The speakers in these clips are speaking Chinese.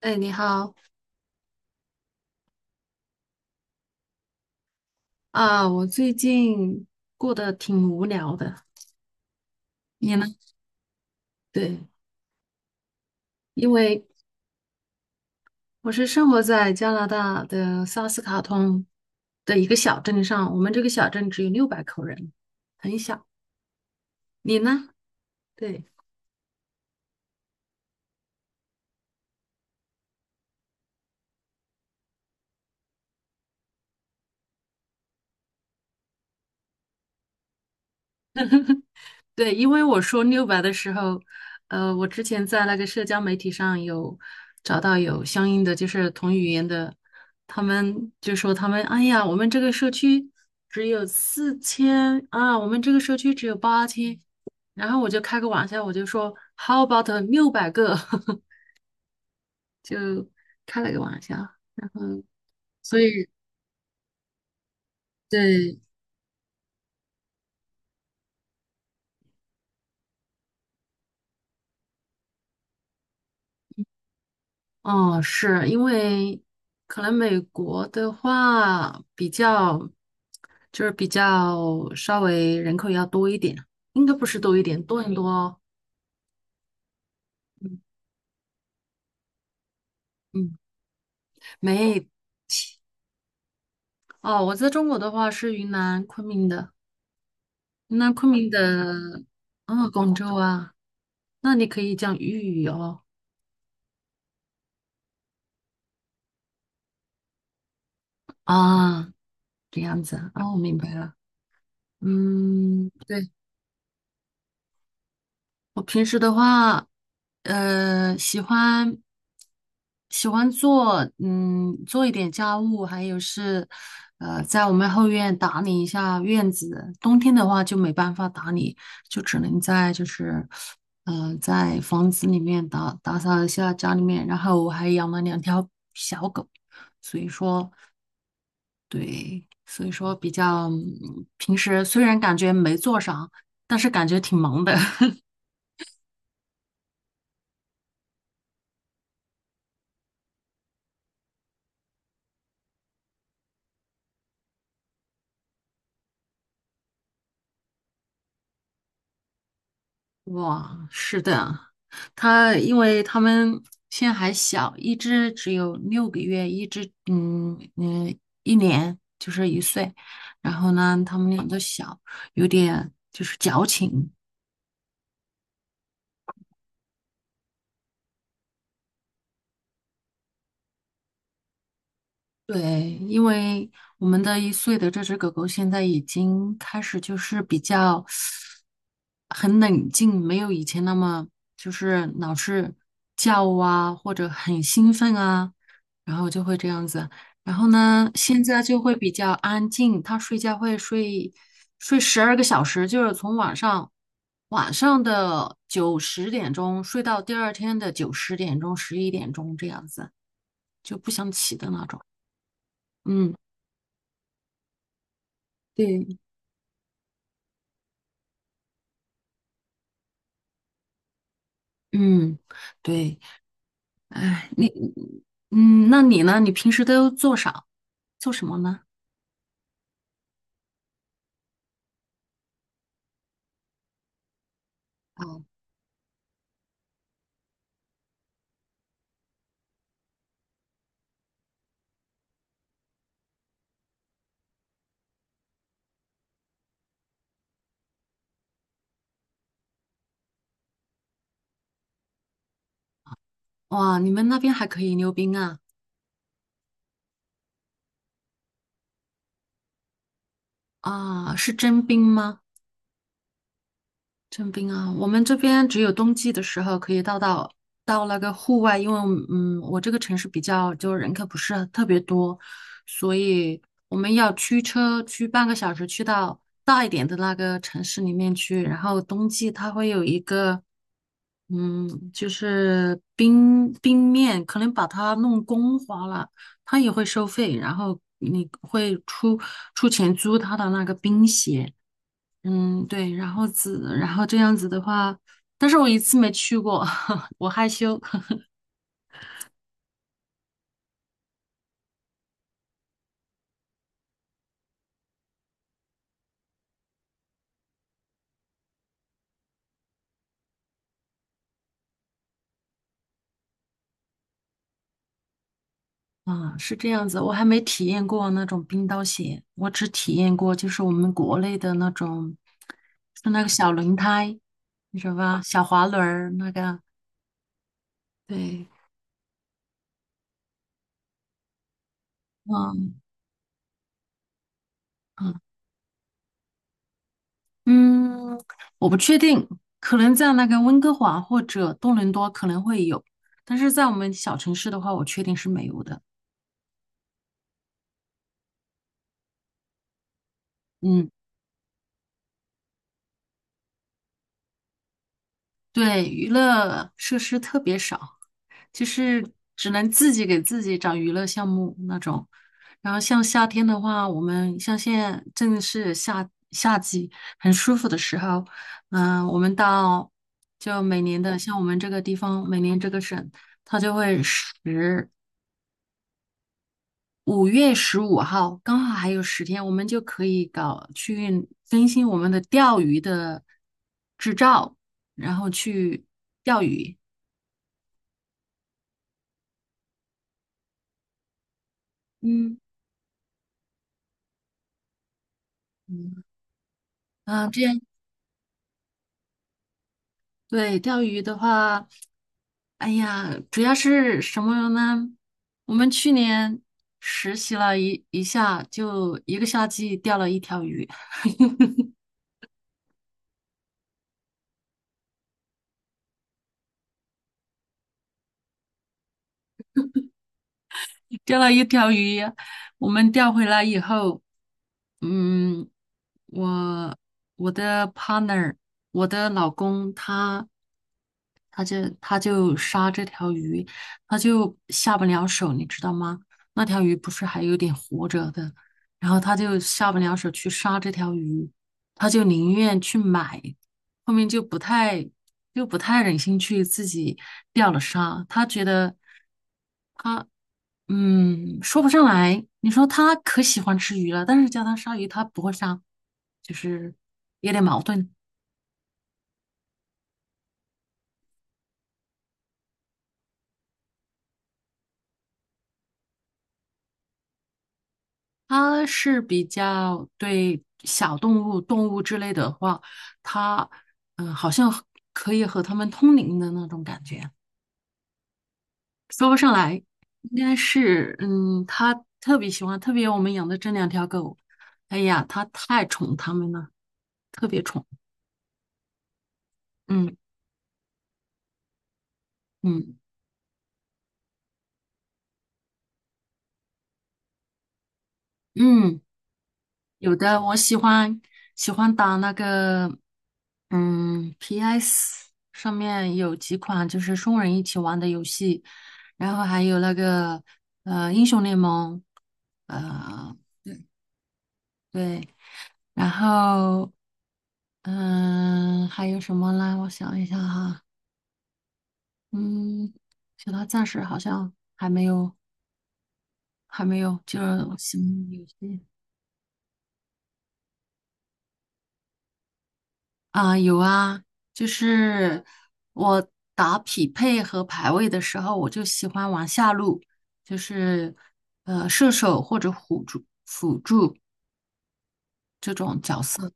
哎，你好啊！我最近过得挺无聊的，你呢？对，因为我是生活在加拿大的萨斯卡通的一个小镇上，我们这个小镇只有600口人，很小。你呢？对，对，因为我说六百的时候，我之前在那个社交媒体上有找到有相应的就是同语言的，他们就说他们，哎呀，我们这个社区只有4000啊，我们这个社区只有8000，然后我就开个玩笑，我就说 How about 600个，就开了个玩笑，然后所以对哦，是因为可能美国的话比较，就是比较稍微人口要多一点，应该不是多一点，多很多哦。嗯，没，哦，我在中国的话是云南昆明的，云南昆明的，啊，广州啊，那你可以讲粤语哦。啊，这样子啊，哦，我明白了。嗯，对。我平时的话，呃，喜欢喜欢做，做一点家务，还有是，在我们后院打理一下院子。冬天的话就没办法打理，就只能在就是，在房子里面打扫一下家里面。然后我还养了2条小狗，所以说，对，所以说比较，平时虽然感觉没做啥，但是感觉挺忙的。哇，是的，他因为他们现在还小，一只只有6个月，一只就是一岁，然后呢，他们俩都小，有点就是矫情，对，因为我们的一岁的这只狗狗现在已经开始就是比较很冷静，没有以前那么就是老是叫啊，或者很兴奋啊，然后就会这样子。然后呢，现在就会比较安静，它睡觉会睡12个小时，就是从晚上的九十点钟睡到第二天的九十点钟、11点钟这样子，就不想起的那种。嗯对，嗯，对，哎，那你呢？你平时都做啥？做什么呢？哦，哇，你们那边还可以溜冰啊？啊，是真冰吗？征兵啊，我们这边只有冬季的时候可以到那个户外，因为我这个城市比较就人口不是特别多，所以我们要驱车去半个小时去到大一点的那个城市里面去，然后冬季它会有一个就是冰面，可能把它弄光滑了，它也会收费，然后你会出钱租它的那个冰鞋。嗯，对，然后子，然后这样子的话，但是我一次没去过，我害羞。啊，是这样子，我还没体验过那种冰刀鞋，我只体验过就是我们国内的那种，是那个小轮胎，你知道吧？小滑轮儿那个。对，嗯嗯嗯，我不确定，可能在那个温哥华或者多伦多可能会有，但是在我们小城市的话，我确定是没有的。嗯。对，娱乐设施特别少，就是只能自己给自己找娱乐项目那种。然后像夏天的话，我们像现在正是夏季，很舒服的时候，嗯、我们到就每年的像我们这个地方，每年这个省，它就会5月15号，刚好还有10天，我们就可以搞去更新我们的钓鱼的执照，然后去钓鱼。嗯。嗯，啊，这样对钓鱼的话，哎呀，主要是什么呢？我们去年实习了一下，就一个夏季钓了一条鱼。钓了一条鱼，我们钓回来以后，嗯，我我的 partner,我的老公他他就杀这条鱼，他就下不了手，你知道吗？那条鱼不是还有点活着的，然后他就下不了手去杀这条鱼，他就宁愿去买，后面就不太忍心去自己钓了杀，他觉得。嗯，说不上来。你说他可喜欢吃鱼了，但是叫他杀鱼，他不会杀，就是有点矛盾。他是比较对小动物、动物之类的话，他好像可以和他们通灵的那种感觉。说不上来，应该是他特别喜欢，特别我们养的这2条狗，哎呀，他太宠它们了，特别宠。嗯嗯嗯。有的我喜欢打那个，PS 上面有几款就是双人一起玩的游戏，然后还有那个英雄联盟，呃对，对，然后还有什么呢？我想一下哈，嗯，其他暂时好像还没有，就是新游戏。啊，有啊，就是我打匹配和排位的时候，我就喜欢玩下路，就是射手或者辅助这种角色。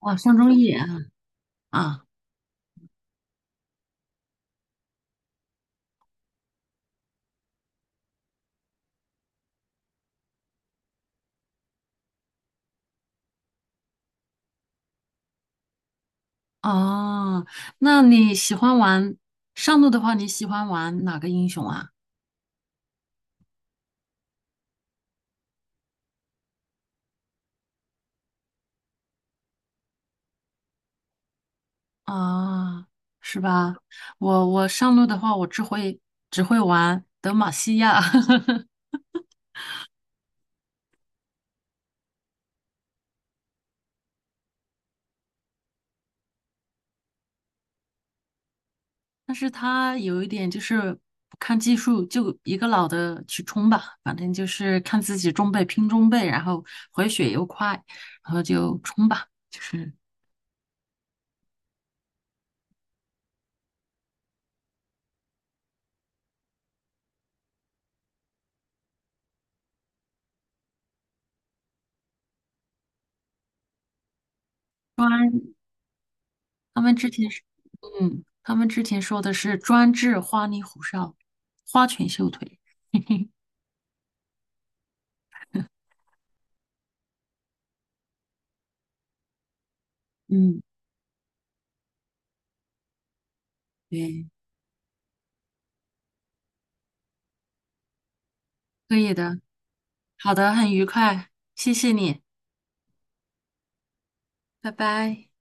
哇，上中野啊啊！哦，那你喜欢玩上路的话，你喜欢玩哪个英雄啊？啊，是吧？我上路的话，我只会玩德玛西亚。但是他有一点就是不看技术，就一个老的去冲吧，反正就是看自己中备拼中备，然后回血又快，然后就冲吧。就是专，他们之前是，他们之前说的是专治花里胡哨、花拳绣腿。嘿嘿，嗯，对，可以的。好的，很愉快，谢谢你，拜拜。